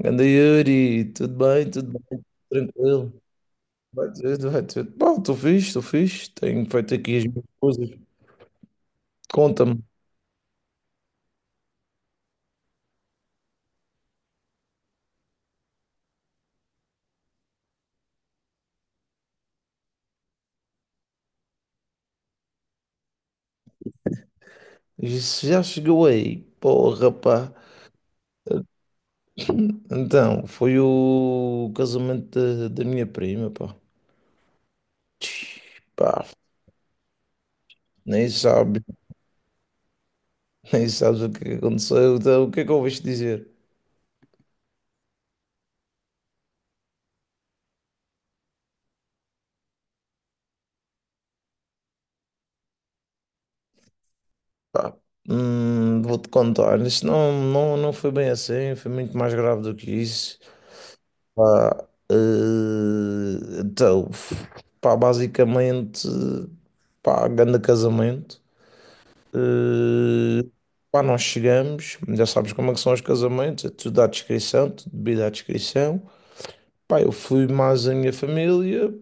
Ganda Yuri, tudo bem, tranquilo. Vai tudo, vai tudo. Pá, estou fixe, estou fixe. Tenho feito aqui as minhas coisas. Conta-me, isso já chegou aí? Porra, pá. Então, foi o casamento da minha prima, pá. Tch, Pá, nem sabes, nem sabes o que aconteceu. Então, o que é que ouviste dizer? Pá, vou-te contar. Isto não foi bem assim, foi muito mais grave do que isso. Pá, então, pá, basicamente, pá, grande casamento. Eh, Pá, nós chegamos, já sabes como é que são os casamentos, é tudo à descrição, tudo bebido à descrição. Pá, eu fui mais a minha família,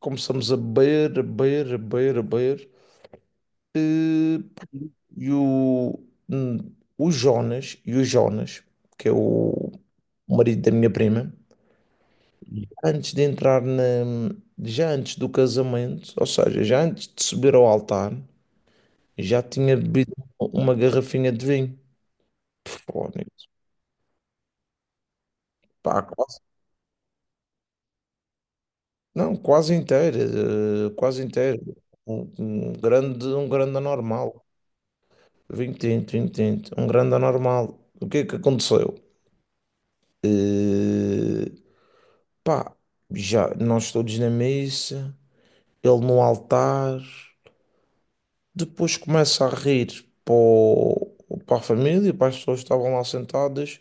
começamos a beber, a beber, a beber, a beber. Eh, pá, e o, hum, o Jonas, que é o marido da minha prima, antes de entrar já antes do casamento, ou seja, já antes de subir ao altar, já tinha bebido uma garrafinha de vinho. Fónix. Pá, quase, não, quase inteira, eh, quase inteira. Um grande anormal. Vinho tinto, um grande anormal. O que é que aconteceu? Eh, Pá, já nós todos na missa, ele no altar. Depois começa a rir para a família, para as pessoas que estavam lá sentadas.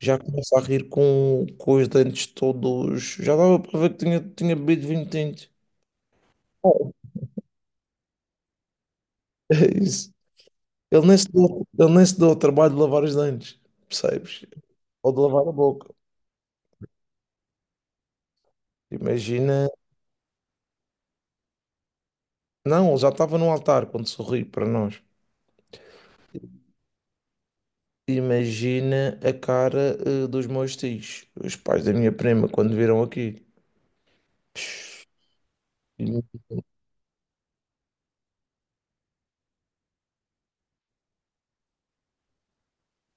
Já começa a rir com os dentes todos. Já dava para ver que tinha bebido vinho tinto. Oh, é isso. Ele nem se deu, ele nem se deu o trabalho de lavar os dentes, percebes? Ou de lavar a boca. Imagina. Não, ele já estava no altar quando sorri para nós. Imagina a cara, dos meus tios, os pais da minha prima, quando viram aqui. Psh, im-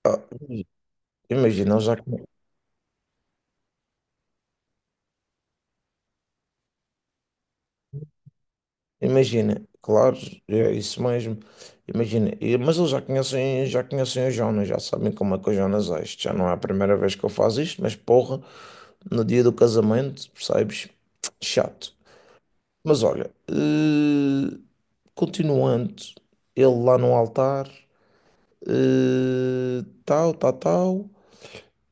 Ah, imagina, eles já. Imagina, claro, é isso mesmo. Imagina, mas eles já conhecem o Jonas, já sabem como é que o Jonas é. Isto já não é a primeira vez que eu faço isto, mas porra, no dia do casamento, percebes? Chato. Mas olha, continuando, ele lá no altar, tal, tal, tal,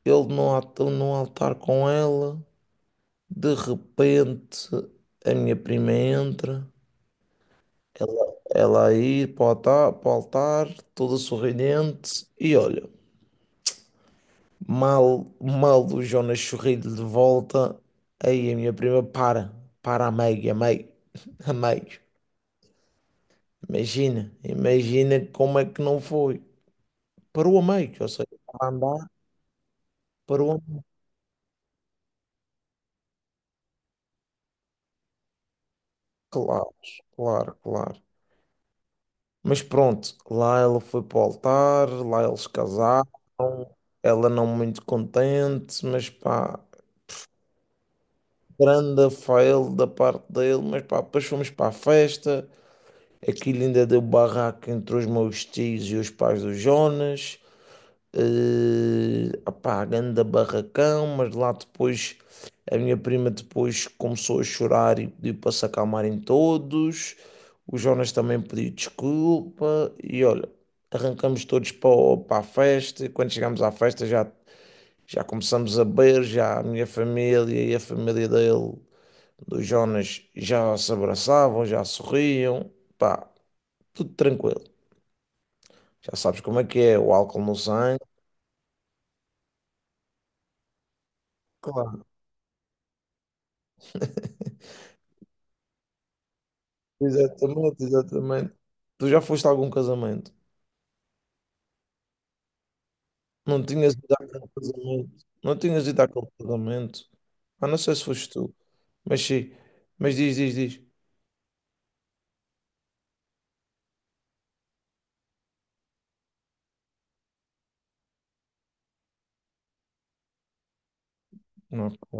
ele no altar com ela, de repente a minha prima entra. Ela aí para o altar, toda sorridente, e olha, mal o Jonas sorriu-lhe de volta, aí a minha prima para, para a meio, a meio. Imagina, imagina como é que não foi. Parou a meio, ou seja, para andar, parou a meio. Claro, claro, claro. Mas pronto, lá ela foi para o altar, lá eles casaram, ela não muito contente, mas pá. Grande fail da parte dele, mas pá, depois fomos para a festa, aquilo ainda deu barraco entre os meus tios e os pais do Jonas, pá, grande barracão, mas lá depois a minha prima depois começou a chorar e pediu para se acalmarem todos, o Jonas também pediu desculpa e olha, arrancamos todos para a festa, e quando chegamos à festa já, já começamos a beber, já a minha família e a família dele dos Jonas já se abraçavam, já sorriam, pá, tudo tranquilo. Já sabes como é que é, o álcool no sangue. Claro, exatamente, exatamente. Tu já foste a algum casamento? Não tinhas ido àquele casamento? Não tinhas ido àquele casamento? Ah, não sei se foste tu, mas sim, mas diz, diz, diz. Ok,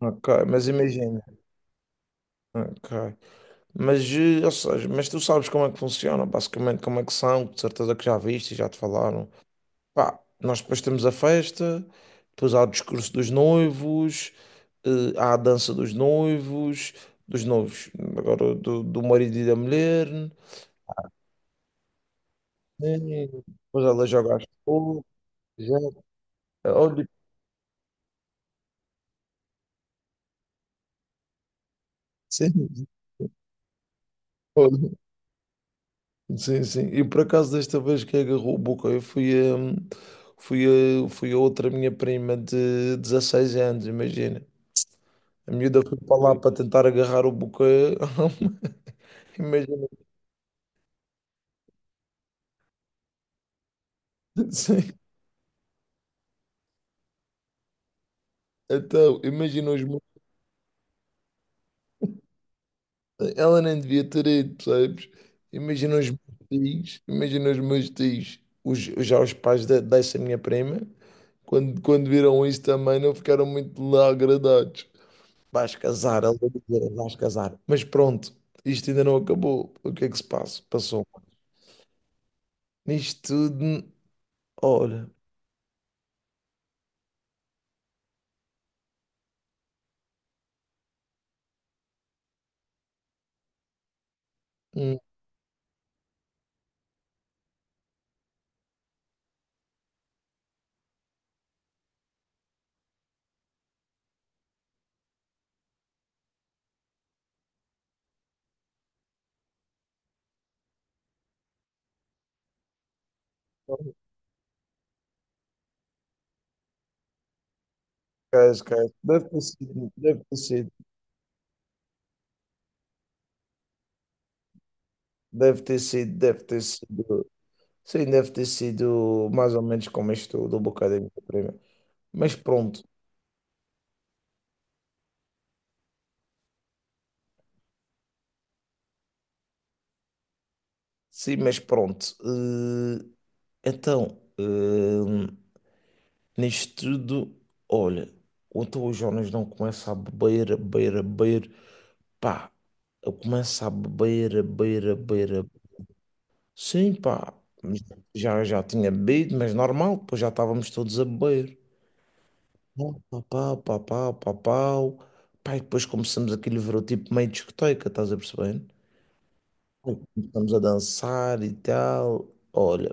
ok, mas imagina, ok. Mas, ou seja, mas tu sabes como é que funciona, basicamente como é que são, de certeza que já viste, e já te falaram. Pá, nós depois temos a festa, depois há o discurso dos noivos, há a dança dos noivos, agora do marido e da mulher, né? Depois ela joga as flores, já. Olha, sim, olha, sim, sim. E por acaso desta vez que agarrou a boca, eu fui a, fui a, fui a outra minha prima de 16 anos, imagina. A miúda foi para lá para tentar agarrar o boca. Imagina. Sim. Então, imagina os meus... Ela nem devia ter ido, percebes? Imagina os meus Imagina os meus tios, os, já os pais dessa minha prima, quando viram isso também não ficaram muito lá agradados. Vais casar, ela dizer, vais casar. Mas pronto, isto ainda não acabou. O que é que se passa? Passou. Nisto tudo, olha, hum, esquece, esquece. Deve ter sido, deve ter sido, deve ter sido, deve ter sido. Sim, deve ter sido mais ou menos como isto do Bocadinho da Prima. Mas pronto, sim, mas pronto. Então, nisto tudo, olha, então o Jonas não começa a beber, a beber, a beber, pá, eu começo a beber, a beber, a beber. Sim, pá, já tinha bebido, mas normal, depois já estávamos todos a beber. Pau, pau, pau, pau, pau, pau. Pá, e depois começamos aquele ver o tipo meio discoteca, estás a perceber? Começamos a dançar e tal. Olha,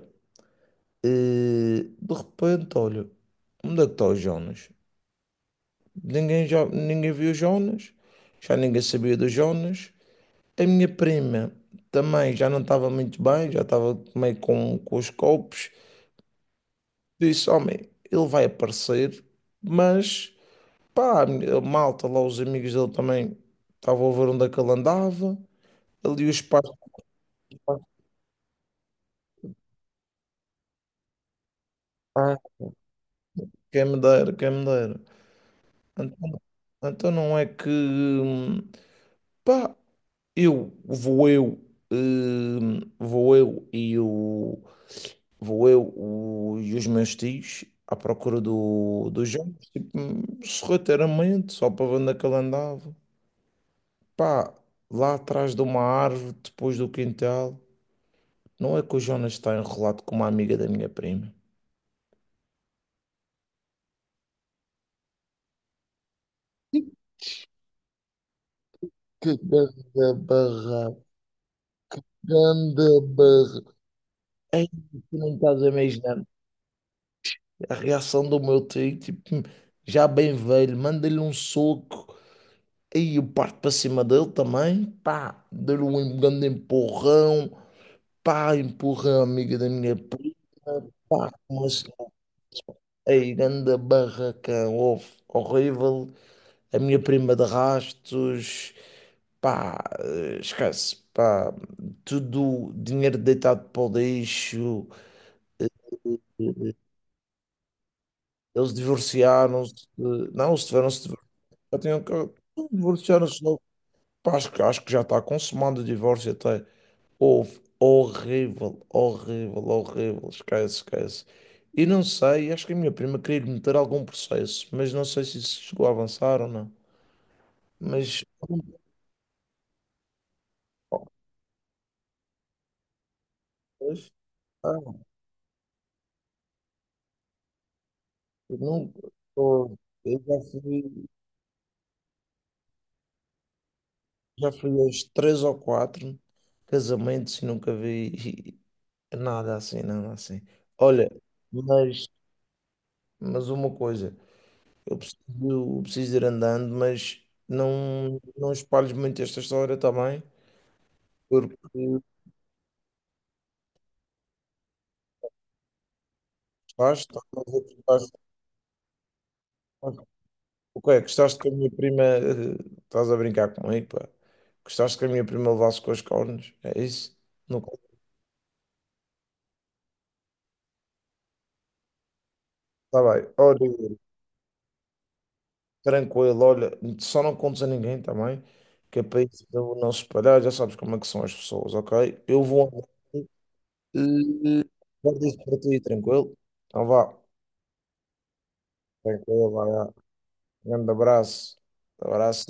eh, de repente, olha, onde é que está o Jonas? Ninguém viu o Jonas, já ninguém sabia do Jonas. A minha prima também já não estava muito bem, já estava meio com os copos. Disse: Homem, ele vai aparecer, mas pá, a malta lá, os amigos dele também estavam a ver onde é que ele andava. Ali os pais, pá, quem me dera, quem me dera. Então, então não é que pá, eu vou eu, vou eu e o vou eu o- e os meus tios à procura do jogos, tipo, sorrateiramente, só para ver onde é que ele andava. Pá, lá atrás de uma árvore, depois do quintal, não é que o Jonas está enrolado com uma amiga da minha prima. Que ganda barra, ganda barra. Ei, tu não estás a imaginar. A reação do meu tio, tipo, já bem velho, manda-lhe um soco. E eu parto para cima dele também, pá, dei-lhe um grande empurrão, pá, empurrão a amiga da minha prima, pá, mas aí, grande barracão, houve, horrível, a minha prima de rastos, pá, esquece, pá, tudo dinheiro deitado para o lixo, eh, eh, eles divorciaram-se, não, eles tiveram-se eu tenho que divorciaram-se. Acho, acho que já está consumado o divórcio até. Houve horrível, horrível, horrível. Esquece, esquece. E não sei, acho que a minha prima queria lhe meter algum processo, mas não sei se isso chegou a avançar ou não. Mas pois, ah, eu não, eu eu já fui, aos três ou quatro casamentos e nunca vi nada assim, nada assim. Olha, mas, mas uma coisa. Eu preciso, eu preciso ir andando, mas não, não espalhes muito esta história também, porque estás, a ver que o que é? Gostaste que a minha prima, estás a brincar comigo, pá. Gostaste que a minha prima levasse com as cornos, é isso? Não, está bem, olha, tranquilo, olha, só não contes a ninguém também, que é para isso eu não se espalhar, já sabes como é que são as pessoas, ok? Eu vou andando, eh, guarda isso para ti, tranquilo? Então vá, tranquilo, vai. Grande abraço. Abraço.